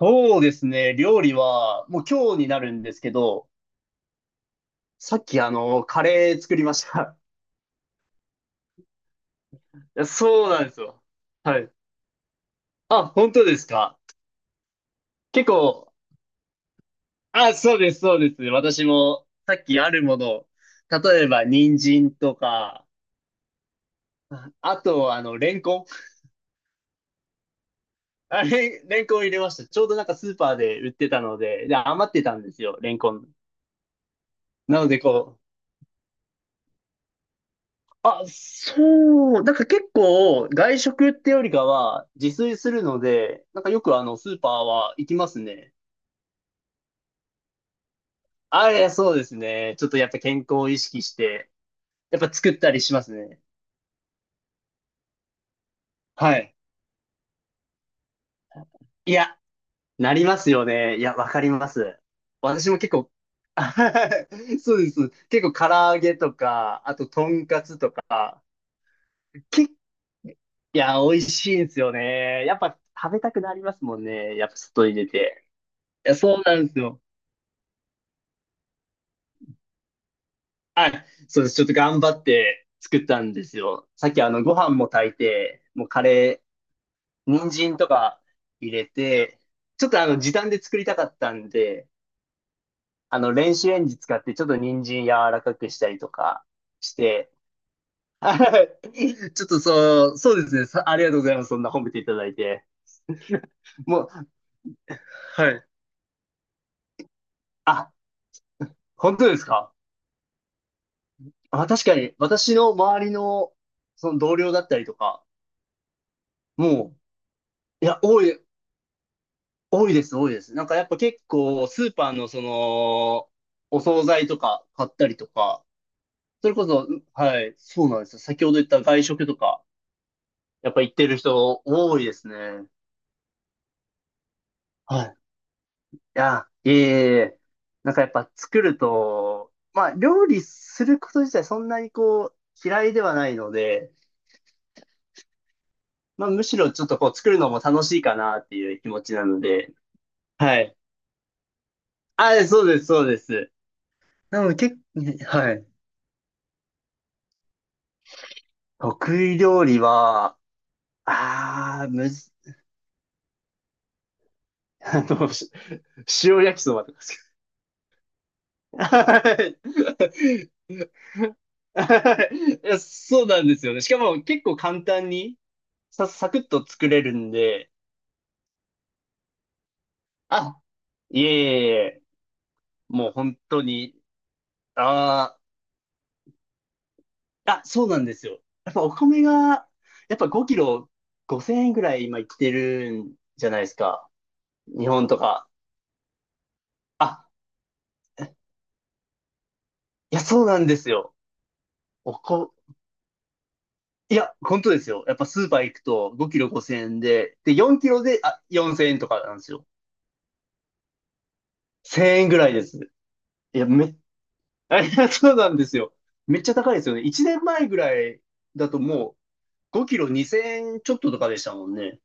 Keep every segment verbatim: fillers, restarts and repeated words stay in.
そうですね。料理は、もう今日になるんですけど、さっきあの、カレー作りました。いや、そうなんですよ。はい。あ、本当ですか？結構、あ、そうです、そうです。私も、さっきあるものを、例えば、人参とか、あと、あの、レンコン。あれ、レンレンコン入れました。ちょうどなんかスーパーで売ってたので、で、余ってたんですよ、レンコン。なので、こう、あ、そう。なんか結構外食ってよりかは自炊するので、なんかよくあのスーパーは行きますね。あ、いや、そうですね。ちょっとやっぱ健康を意識して、やっぱ作ったりしますね。はい。いや、なりますよね。いや、わかります。私も結構、あはは、そうです。結構唐揚げとか、あととんかつとか、け、いや、美味しいんですよね。やっぱ食べたくなりますもんね。やっぱ外に出て。いや、そうなんですよ。そうです。ちょっと頑張って作ったんですよ。さっきあの、ご飯も炊いて、もうカレー、人参とか入れて、ちょっとあの、時短で作りたかったんで、あの、電子レンジ使って、ちょっと人参柔らかくしたりとかして、はい。ちょっとそう、そうですね。さありがとうございます。そんな褒めていただいて。もう、はい。あ、本当ですか？あ、確かに、私の周りの、その同僚だったりとか、もう、いや、多い、多いです、多いです。なんかやっぱ結構、スーパーのその、お惣菜とか買ったりとか、それこそ、うはい、そうなんですよ。先ほど言った外食とか、やっぱ行ってる人多いですね。はい。いや、いえいえいえ、なんかやっぱ作ると、まあ料理すること自体そんなにこう、嫌いではないので、まあむしろちょっとこう作るのも楽しいかなっていう気持ちなので、はい。あ、そうです、そうです。なので結構、はい。得意料理は、ああ、むず、あの、し塩焼きそばとかですけど。はい、いや、そうなんですよね。しかも結構簡単にさ、サクッと作れるんで、あ、いえいえいえ、もう本当に、ああ、あ、そうなんですよ。やっぱお米が、やっぱごキロごせんえんぐらい今いってるんじゃないですか。日本とか。あ、いや、そうなんですよ。おこ、いや、本当ですよ。やっぱスーパー行くとごキロごせんえんで、で、よんキロで、あ、よんせんえんとかなんですよ。せんえんぐらいです。いや、め、あ、いや、そうなんですよ。めっちゃ高いですよね。いちねんまえぐらいだともうごキロにせんえんちょっととかでしたもんね。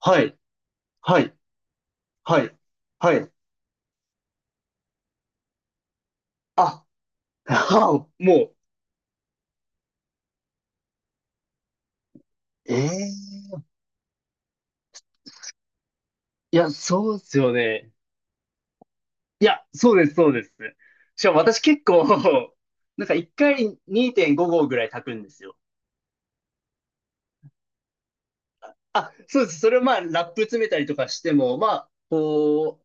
はい、はい、はい、はい。あ、あ、もう、ええ、いや、そうですよね。いや、そうです、そうです。しかも私結構、なんかいっかいにてんご合ぐらい炊くんですよ。あ、そうです。それをまあ、ラップ詰めたりとかしても、まあ、こう、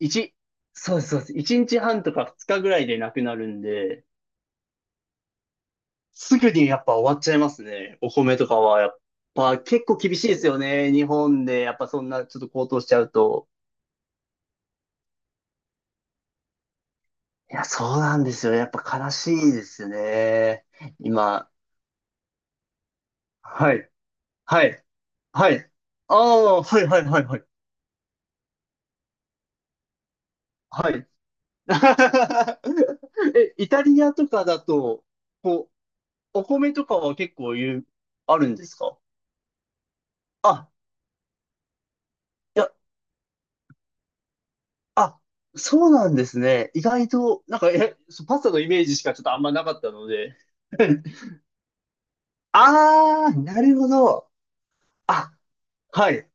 一、そうです、そうです。いちにちはんとかふつかぐらいでなくなるんで、すぐにやっぱ終わっちゃいますね。お米とかは、やっぱ結構厳しいですよね。日本で、やっぱそんなちょっと高騰しちゃうと。いや、そうなんですよ。やっぱ悲しいですね。今。はい。はい。はい。ああ、はい、はい、はい、はい。はい。え、イタリアとかだと、こう、お米とかは結構言う、あるんですか？あ、いや、あ、そうなんですね。意外と、なんか、え、そうパスタのイメージしかちょっとあんまなかったので。あー、なるほど。あ、はい、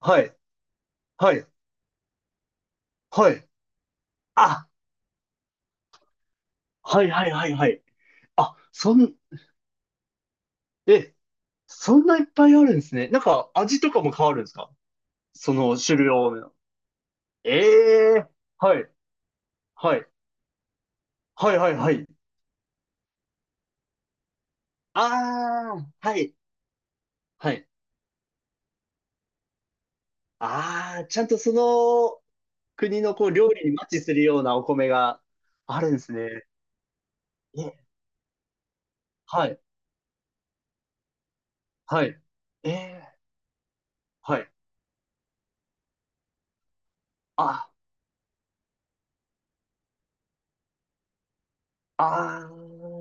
はい、はい、はい。あ、はい、はい、はい、はい。あ、そん、え、そんないっぱいあるんですね。なんか、味とかも変わるんですか？その種類を。ええー、はい、はい、はい、はい、はい。あー、はい、はい。ああ、ちゃんとその国のこう料理にマッチするようなお米があるんですね。え、はい、はい。ええ、はい。あ、ああ、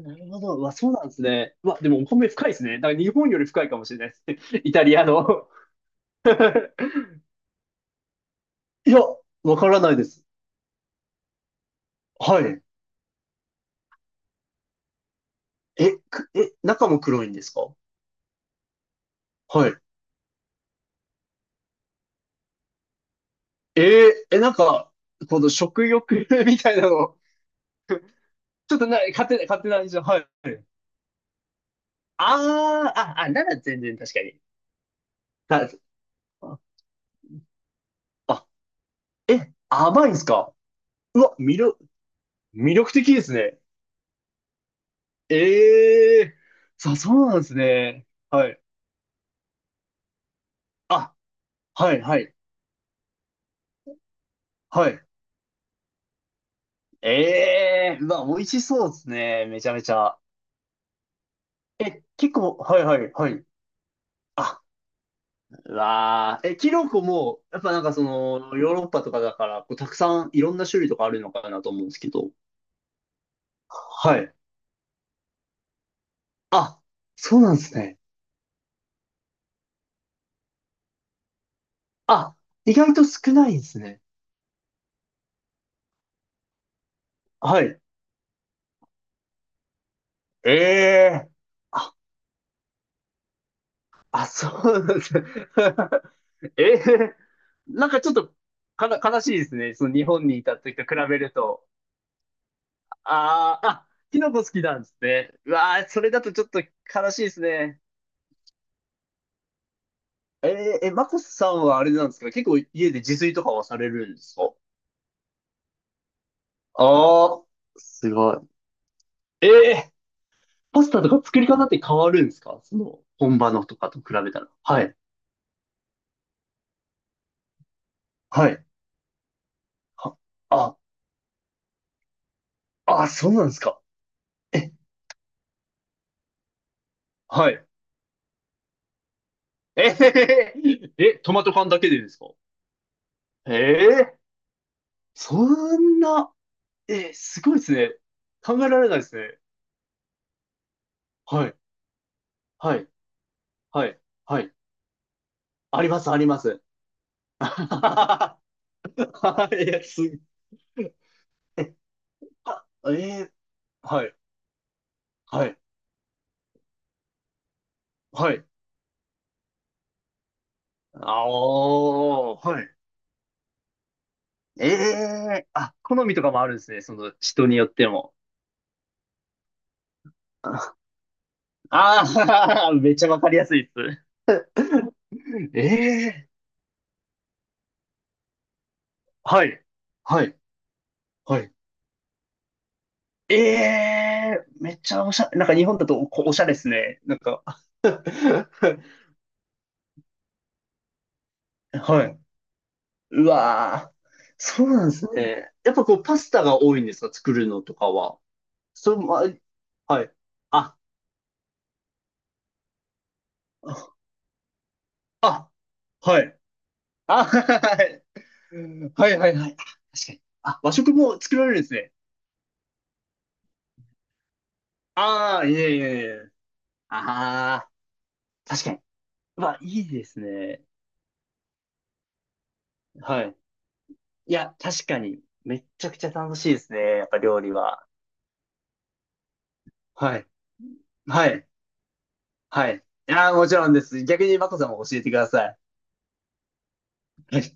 なるほど。うわ、そうなんですね。うわ、でもお米深いですね。だから日本より深いかもしれないです。イタリアの。いや、わからないです。はい。え、く、え、中も黒いんですか？はい。えー、え、なんか、この食欲 みたいなの、ちょっとな、勝手な、勝手な印象。はい。ああ、あ、あ、なら全然確かに。たあ、あえ、甘いんすか？うわ、魅力、魅力的ですね。ええー、さ、そうなんですね。はい。あ、はい、はい、はい。ええー、うわ、美味しそうですね。めちゃめちゃ。え、結構、はい、はい、はい。あ、うわー、え、キノコも、やっぱなんかその、ヨーロッパとかだから、こう、たくさんいろんな種類とかあるのかなと思うんですけど。はい。あ、そうなんですね。あ、意外と少ないんですね。はい。ええー。あ、あ、そうなんですね。ええー。なんかちょっと、かな、悲しいですね。その日本にいた時と比べると。ああ、あ、キノコ好きなんですね。うわあ、それだとちょっと悲しいですね。えー、え、マコスさんはあれなんですか？結構家で自炊とかはされるんですか？ああー、すごい。ええー、パスタとか作り方って変わるんですか？その、本場のとかと比べたら。はい。はい。あ、あ、あ、そうなんですか？え、はい。えへへ、へえ、トマト缶だけでですか？ええ、そんな、え、すごいですね。考えられないですね。はい、はい、はい、はい。あります、あります。はい、いやすえ、あ、えー、はい、はい、はい。あ、おー、はい。ええ、あ、好みとかもあるんですね。その人によっても。ああー、めっちゃわかりやすいです。ええ、はい。はい。はい。ええ、めっちゃおしゃれ、なんか日本だとこうおしゃれですね。なんか はい。うわー。そうなんですね。やっぱこうパスタが多いんですか？作るのとかは。それも、まあ、はい。あ、あ、はい。あ、はいはいはいはい。あ、確かに。あ、和食も作られるんですね。ああ、いえいえいえ。ああ、確かに。まあ、いいですね。はい。いや、確かに、めっちゃくちゃ楽しいですね。やっぱ料理は。はい。はい。はい。ああ、もちろんです。逆にマコさんも教えてください。はい